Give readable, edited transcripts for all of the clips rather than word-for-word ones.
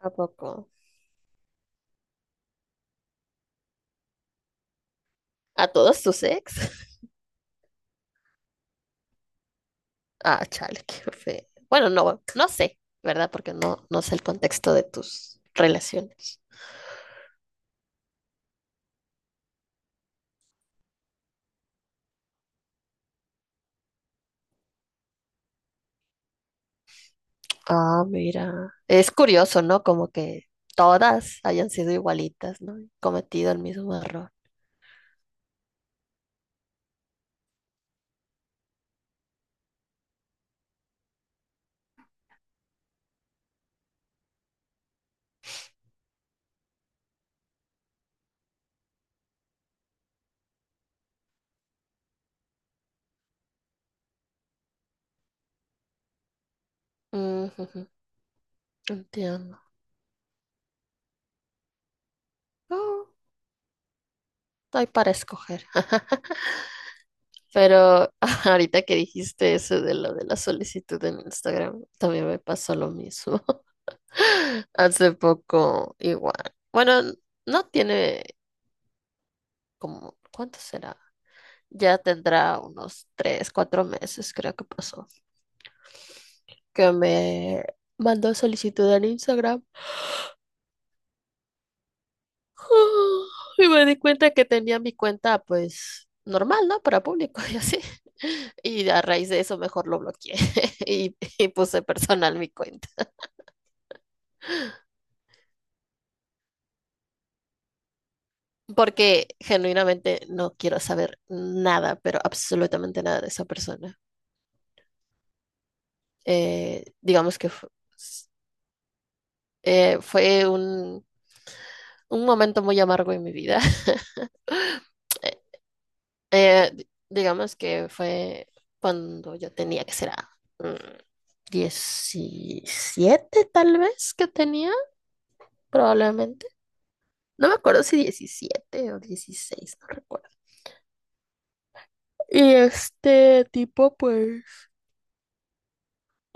¿A poco? ¿A todos tus ex? Ah, chale, qué feo. Bueno, no, no sé, ¿verdad? Porque no sé el contexto de tus relaciones. Ah, mira. Es curioso, ¿no? Como que todas hayan sido igualitas, ¿no? Cometido el mismo error. Mm, ujú, entiendo. Oh, hay para escoger. Pero ahorita que dijiste eso de lo de la solicitud en Instagram, también me pasó lo mismo. Hace poco igual. Bueno, no tiene como, ¿cuánto será? Ya tendrá unos tres, cuatro meses, creo que pasó, que me mandó solicitud en Instagram. Y me di cuenta que tenía mi cuenta, pues, normal, ¿no? Para público y así. Y a raíz de eso mejor lo bloqueé y puse personal mi cuenta. Porque genuinamente no quiero saber nada, pero absolutamente nada de esa persona. Digamos que s- fue un momento muy amargo en mi vida. Eh, digamos que fue cuando yo tenía que ser 17 tal vez que tenía, probablemente. No me acuerdo si 17 o 16, no recuerdo. Y este tipo, pues,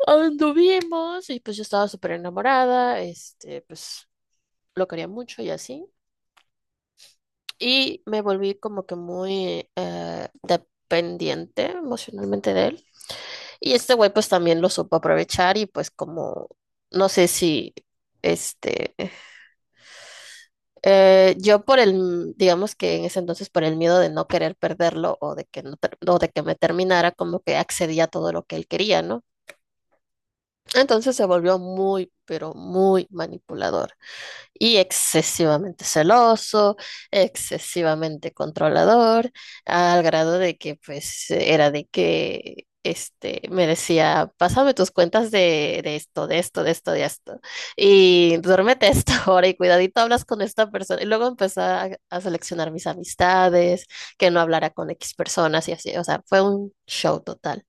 anduvimos y pues yo estaba súper enamorada, este, pues lo quería mucho y así. Y me volví como que muy dependiente emocionalmente de él. Y este güey pues también lo supo aprovechar y pues como, no sé si, este, yo por el, digamos que en ese entonces por el miedo de no querer perderlo o de que no, o de que me terminara, como que accedía a todo lo que él quería, ¿no? Entonces se volvió muy, pero muy manipulador, y excesivamente celoso, excesivamente controlador, al grado de que pues era de que este me decía, pásame tus cuentas de esto, de esto, de esto, de esto, y duérmete a esta hora y cuidadito hablas con esta persona. Y luego empecé a seleccionar mis amistades, que no hablara con X personas y así, o sea, fue un show total.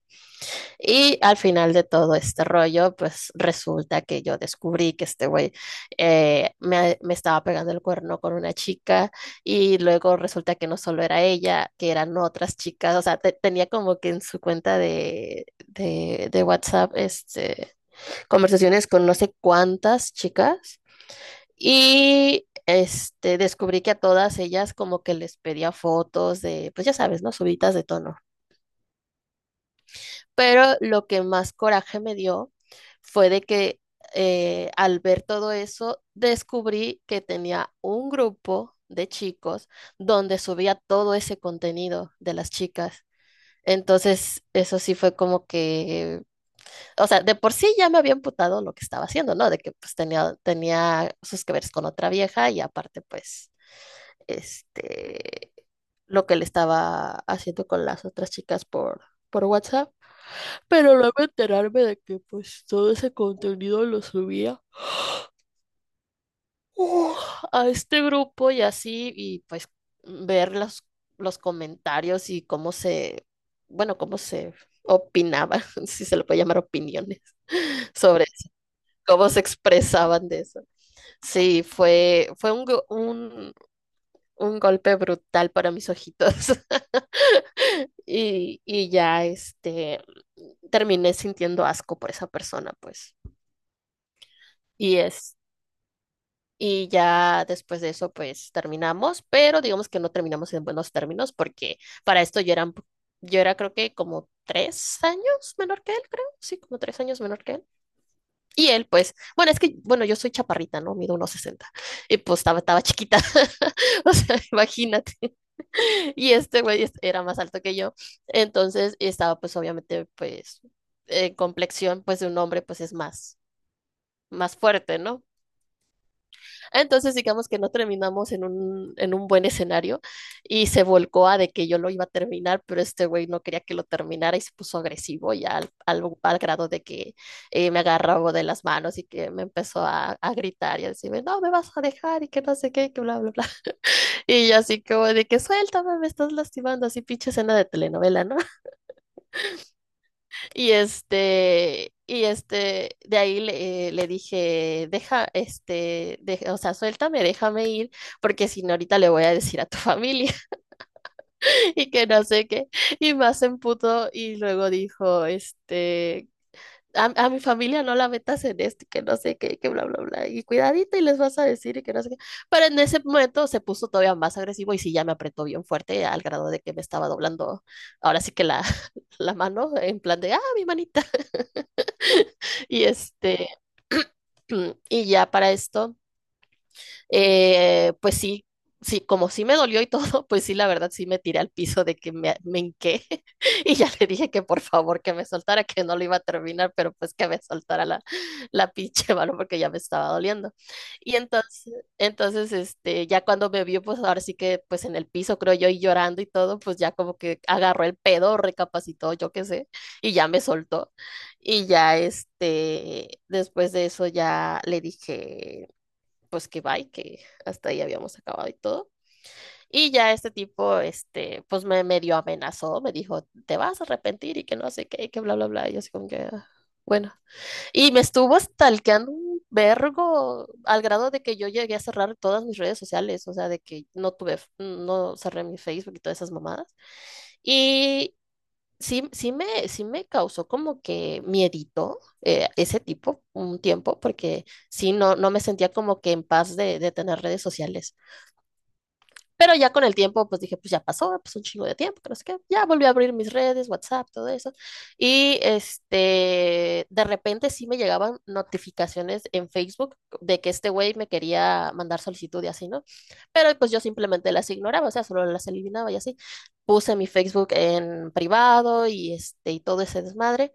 Y al final de todo este rollo, pues resulta que yo descubrí que este güey me estaba pegando el cuerno con una chica y luego resulta que no solo era ella, que eran otras chicas, o sea, tenía como que en su cuenta de WhatsApp, este, conversaciones con no sé cuántas chicas y este, descubrí que a todas ellas como que les pedía fotos de, pues ya sabes, ¿no? Subitas de tono. Pero lo que más coraje me dio fue de que al ver todo eso, descubrí que tenía un grupo de chicos donde subía todo ese contenido de las chicas. Entonces, eso sí fue como que, o sea, de por sí ya me había imputado lo que estaba haciendo, ¿no? De que pues tenía sus que veres con otra vieja y aparte, pues, este, lo que le estaba haciendo con las otras chicas por WhatsApp. Pero luego enterarme de que pues todo ese contenido lo subía uh, a este grupo y así, y pues ver los comentarios y cómo se, bueno, cómo se opinaban, si se le puede llamar opiniones, sobre cómo se expresaban de eso. Sí, fue un golpe brutal para mis ojitos. Y ya este terminé sintiendo asco por esa persona, pues. Y es. Y ya después de eso, pues terminamos, pero digamos que no terminamos en buenos términos porque para esto yo era, yo era creo que como 3 años menor que él, creo, sí, como 3 años menor que él. Y él, pues, bueno, es que, bueno, yo soy chaparrita, ¿no? Mido unos 60 y pues estaba chiquita, o sea, imagínate. Y este güey era más alto que yo, entonces estaba pues obviamente pues en complexión pues de un hombre pues es más, más fuerte, ¿no? Entonces, digamos que no terminamos en en un buen escenario y se volcó a de que yo lo iba a terminar, pero este güey no quería que lo terminara y se puso agresivo ya al grado de que me agarró de las manos y que me empezó gritar y a decirme, no, me vas a dejar y que no sé qué, y que bla, bla, bla. Y yo así como de que suéltame, me estás lastimando, así pinche escena de telenovela, ¿no? De ahí le, le dije, deja, este, o sea, suéltame, déjame ir, porque si no ahorita le voy a decir a tu familia y que no sé qué. Y más se emputó y luego dijo, este, a mi familia no la metas en este, que no sé qué, que bla, bla, bla, y cuidadito y les vas a decir y que no sé qué. Pero en ese momento se puso todavía más agresivo y sí, ya me apretó bien fuerte al grado de que me estaba doblando, ahora sí que la mano, en plan de, ah, mi manita. Y este, y ya para esto pues sí, sí, como sí me dolió y todo, pues sí, la verdad sí me tiré al piso de que me hinqué y ya le dije que por favor que me soltara, que no lo iba a terminar, pero pues que me soltara la pinche mano porque ya me estaba doliendo. Y entonces, entonces, este, ya cuando me vio, pues ahora sí que pues en el piso, creo yo, y llorando y todo, pues ya como que agarró el pedo, recapacitó, yo qué sé, y ya me soltó. Y ya, este, después de eso ya le dije pues que bye, que hasta ahí habíamos acabado y todo. Y ya este tipo, este, pues me medio amenazó, me dijo, te vas a arrepentir y que no sé qué, y que bla, bla, bla. Y yo así como que, "Ah, bueno." Y me estuvo stalkeando un vergo al grado de que yo llegué a cerrar todas mis redes sociales, o sea, de que no tuve, no cerré mi Facebook y todas esas mamadas. Y sí, sí me causó como que miedito ese tipo, un tiempo, porque sí, no me sentía como que en paz de tener redes sociales. Pero ya con el tiempo, pues dije, pues ya pasó, pues un chingo de tiempo, pero es que ya volví a abrir mis redes, WhatsApp, todo eso. Y este, de repente sí me llegaban notificaciones en Facebook de que este güey me quería mandar solicitud y así, ¿no? Pero pues yo simplemente las ignoraba, o sea, solo las eliminaba y así. Puse mi Facebook en privado y este, y todo ese desmadre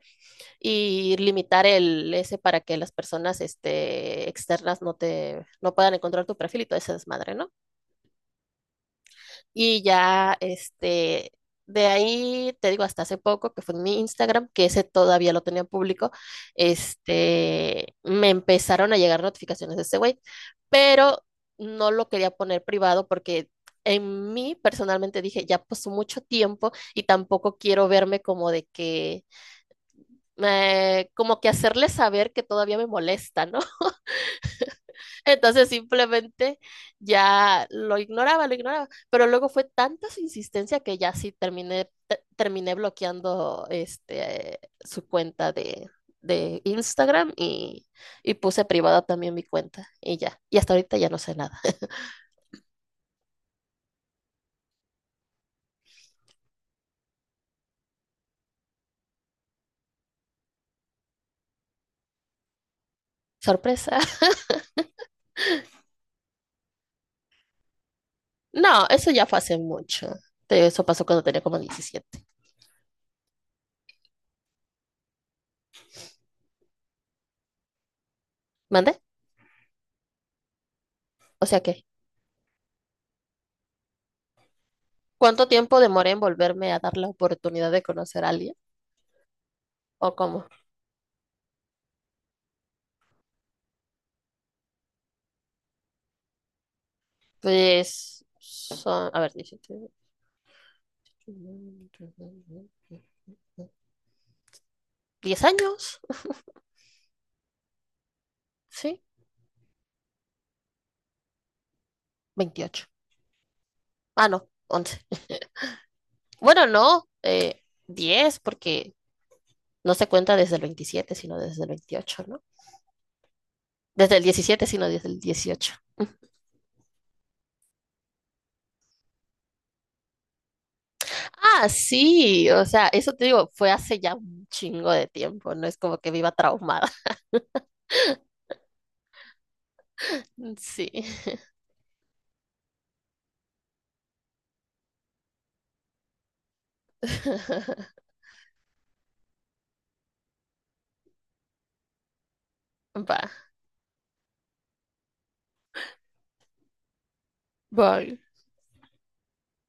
y limitar el ese para que las personas este, externas no puedan encontrar tu perfil y todo ese desmadre, ¿no? Y ya, este, de ahí, te digo, hasta hace poco, que fue en mi Instagram, que ese todavía lo tenía público, este, me empezaron a llegar notificaciones de ese güey, pero no lo quería poner privado porque en mí personalmente dije, ya pasó mucho tiempo y tampoco quiero verme como de que, como que hacerle saber que todavía me molesta, ¿no? Entonces simplemente lo ignoraba. Pero luego fue tanta su insistencia que ya sí terminé bloqueando este, su cuenta de Instagram y puse privada también mi cuenta y ya. Y hasta ahorita ya no sé nada. Sorpresa. No, eso ya fue hace mucho. Eso pasó cuando tenía como 17. ¿Mandé? O sea que, ¿cuánto tiempo demoré en volverme a dar la oportunidad de conocer a alguien? ¿O cómo? Pues son, a ver, 17. ¿10 años? Sí, 28. Ah, no, 11. Bueno, no, 10 porque no se cuenta desde el 27, sino desde el 28, ¿no? Desde el 17, sino desde el 18. Ah, sí, o sea, eso te digo, fue hace ya un chingo de tiempo, no es como que viva traumada. Sí. Va. Vale.